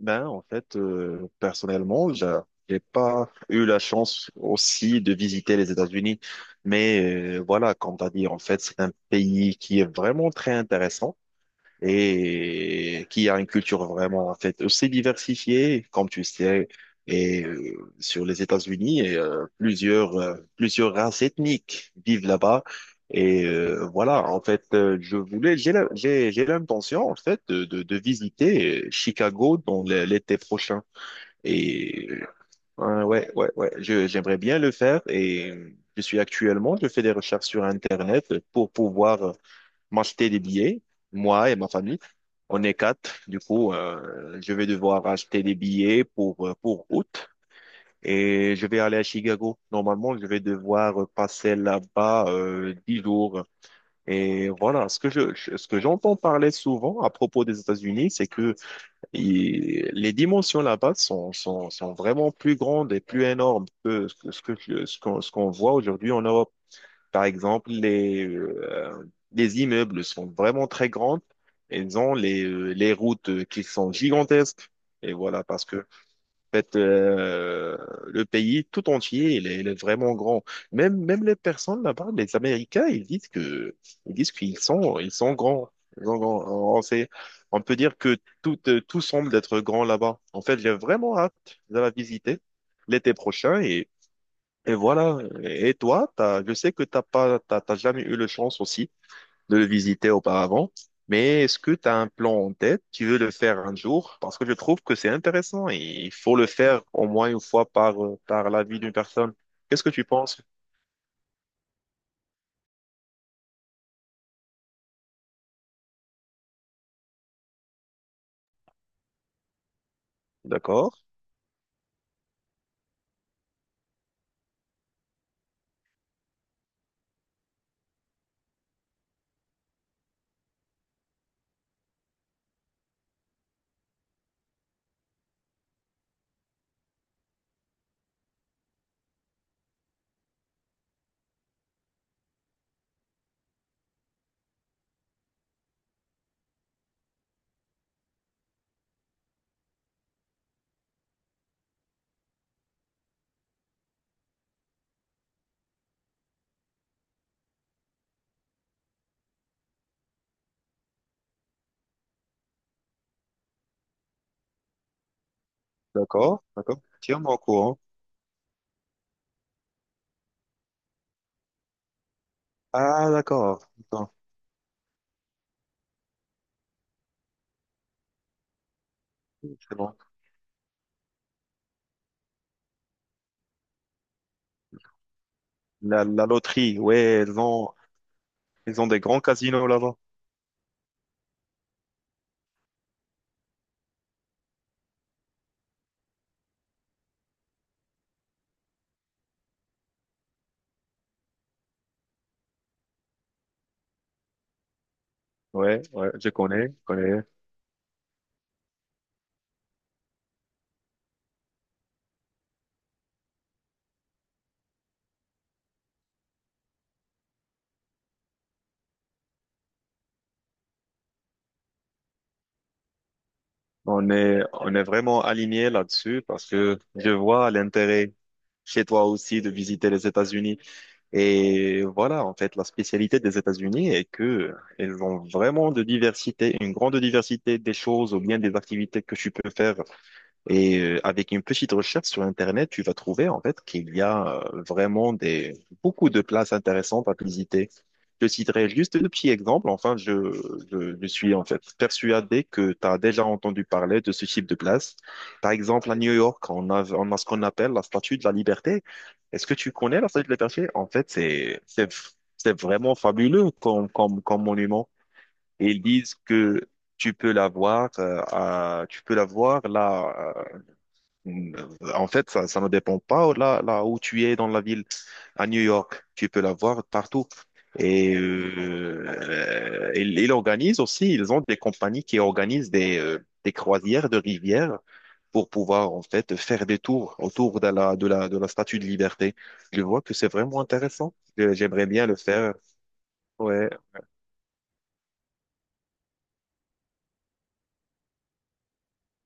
Personnellement, j'ai pas eu la chance aussi de visiter les États-Unis. Comme tu as dit, c'est un pays qui est vraiment très intéressant et qui a une culture vraiment en fait aussi diversifiée, comme tu sais, sur les États-Unis, plusieurs races ethniques vivent là-bas. Je j'ai l'intention en fait de, de visiter Chicago dans l'été prochain. Et ouais, j'aimerais bien le faire. Je suis actuellement, je fais des recherches sur Internet pour pouvoir m'acheter des billets, moi et ma famille. On est quatre. Je vais devoir acheter des billets pour août et je vais aller à Chicago. Normalement, je vais devoir passer là-bas 10 jours. Et voilà, ce que j'entends parler souvent à propos des États-Unis, c'est que les dimensions là-bas sont vraiment plus grandes et plus énormes que ce qu'on voit aujourd'hui en Europe. Par exemple, les immeubles sont vraiment très grands. Ils ont les routes qui sont gigantesques. Et voilà, parce que en fait, euh, le pays tout entier, il est vraiment grand. Même, même les personnes là-bas, les Américains, ils disent ils sont grands. Ils sont grands. On sait- on peut dire que tout semble être grand là-bas. En fait, j'ai vraiment hâte de la visiter l'été prochain et voilà. Et toi, je sais que t'as pas, t'as, t'as jamais eu la chance aussi de le visiter auparavant, mais est-ce que tu as un plan en tête? Tu veux le faire un jour? Parce que je trouve que c'est intéressant et il faut le faire au moins une fois par la vie d'une personne. Qu'est-ce que tu penses? D'accord, d'accord. Tiens-moi au courant. Ah, d'accord. Attends, c'est bon. La loterie, ouais, ils ont des grands casinos là-bas. Ouais, ouais, je connais, je connais. On est vraiment aligné là-dessus parce que je vois l'intérêt chez toi aussi de visiter les États-Unis. Et voilà, en fait, la spécialité des États-Unis est que elles ont vraiment de diversité, une grande diversité des choses ou bien des activités que tu peux faire. Avec une petite recherche sur Internet, tu vas trouver en fait qu'il y a vraiment beaucoup de places intéressantes à visiter. Je citerai juste deux petits exemples. Enfin, je suis en fait persuadé que tu as déjà entendu parler de ce type de place. Par exemple, à New York, on a ce qu'on appelle la Statue de la Liberté. Est-ce que tu connais la Statue de la Liberté? En fait, c'est vraiment fabuleux comme, comme monument. Et ils disent que tu peux la voir, tu peux la voir là. euh, En fait, ça ne dépend pas là, là où tu es dans la ville à New York, tu peux la voir partout. Ils organisent aussi, ils ont des compagnies qui organisent des croisières de rivières pour pouvoir en fait faire des tours autour de la, de la Statue de Liberté. Je vois que c'est vraiment intéressant. J'aimerais bien le faire. Ouais.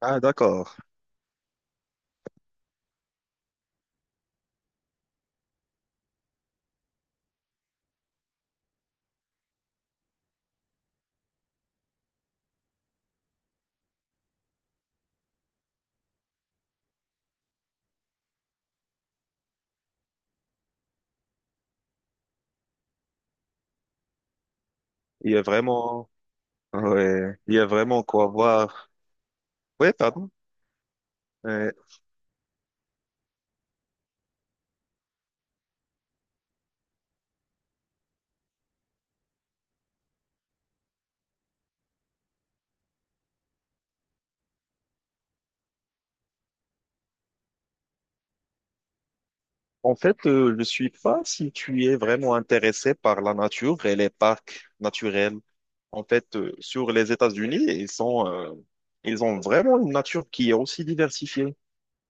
Ah, d'accord. Il y a vraiment, ouais, il y a vraiment quoi voir. Ouais, pardon. Ouais. En fait, je suis pas si tu es vraiment intéressé par la nature et les parcs naturels. Sur les États-Unis, ils ont vraiment une nature qui est aussi diversifiée.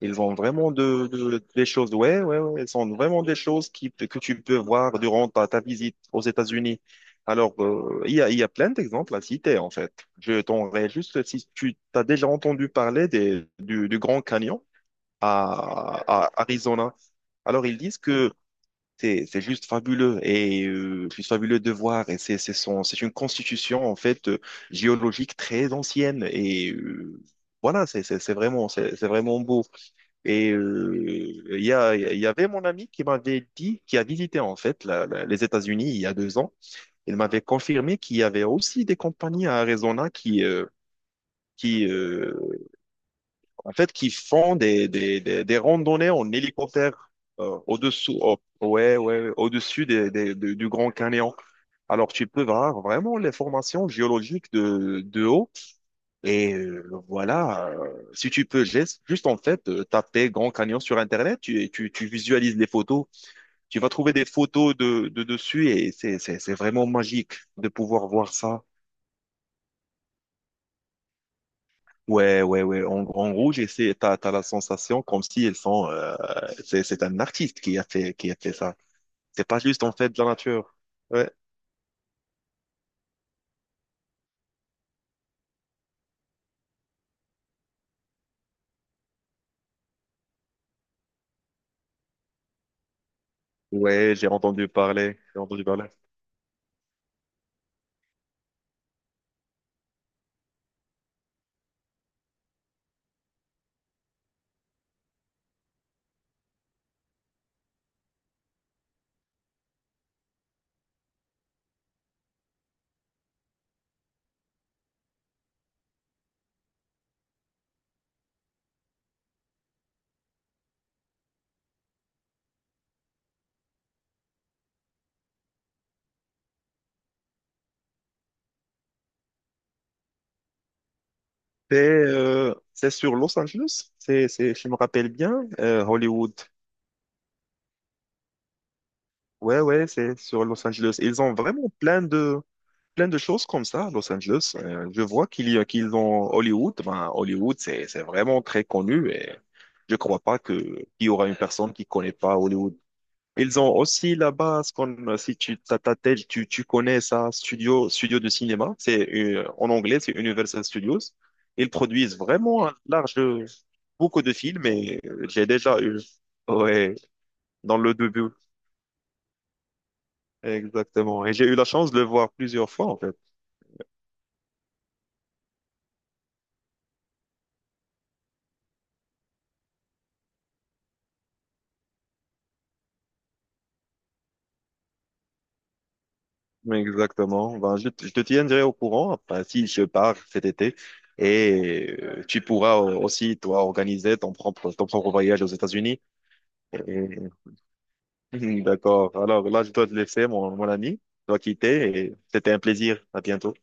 Ils ont vraiment des choses, ouais, ouais, ouais, ils sont vraiment des choses que tu peux voir durant ta, ta visite aux États-Unis. Alors, il y a plein d'exemples à citer, en fait. Je t'enverrai juste si tu as déjà entendu parler du Grand Canyon à Arizona. Alors, ils disent que c'est juste fabuleux et juste fabuleux de voir. Et c'est une constitution en fait géologique très ancienne et voilà, c'est vraiment c'est vraiment beau. Il y avait mon ami qui m'avait dit qui a visité en fait les États-Unis il y a 2 ans. Il m'avait confirmé qu'il y avait aussi des compagnies à Arizona qui euh, qui font des randonnées en hélicoptère au-dessous, oh, ouais, ouais, au-dessus du Grand Canyon. Alors, tu peux voir vraiment les formations géologiques de haut. Et euh, voilà, Si tu peux juste en fait taper Grand Canyon sur Internet, tu visualises les photos, tu vas trouver des photos de dessus et c'est vraiment magique de pouvoir voir ça. Ouais, ouais, ouais. En, en gros, t'as la sensation comme si elles sont, c'est un artiste qui a fait ça. C'est pas juste, en fait, de la nature. Ouais. Ouais, j'ai entendu parler, j'ai entendu parler. C'est sur Los Angeles. Si je me rappelle bien, Hollywood. Ouais, ouais, c'est sur Los Angeles. Ils ont vraiment plein de choses comme ça, à Los Angeles. Je vois qu'ils ont Hollywood. Ben, Hollywood, c'est vraiment très connu et je crois pas que, qu'il y aura une personne qui connaît pas Hollywood. Ils ont aussi là-bas ce qu'on, si tu t'as ta tête, tu connais ça, studio de cinéma. C'est en anglais, c'est Universal Studios. Ils produisent vraiment beaucoup de films et j'ai déjà eu, ouais, dans le début. Exactement. Et j'ai eu la chance de le voir plusieurs fois, en fait. Exactement. Ben, je te tiendrai au courant enfin, si je pars cet été et tu pourras aussi, toi, organiser ton propre voyage aux États-Unis. Et- D'accord. Alors là, je dois te laisser, mon ami. Je dois quitter et c'était un plaisir. À bientôt.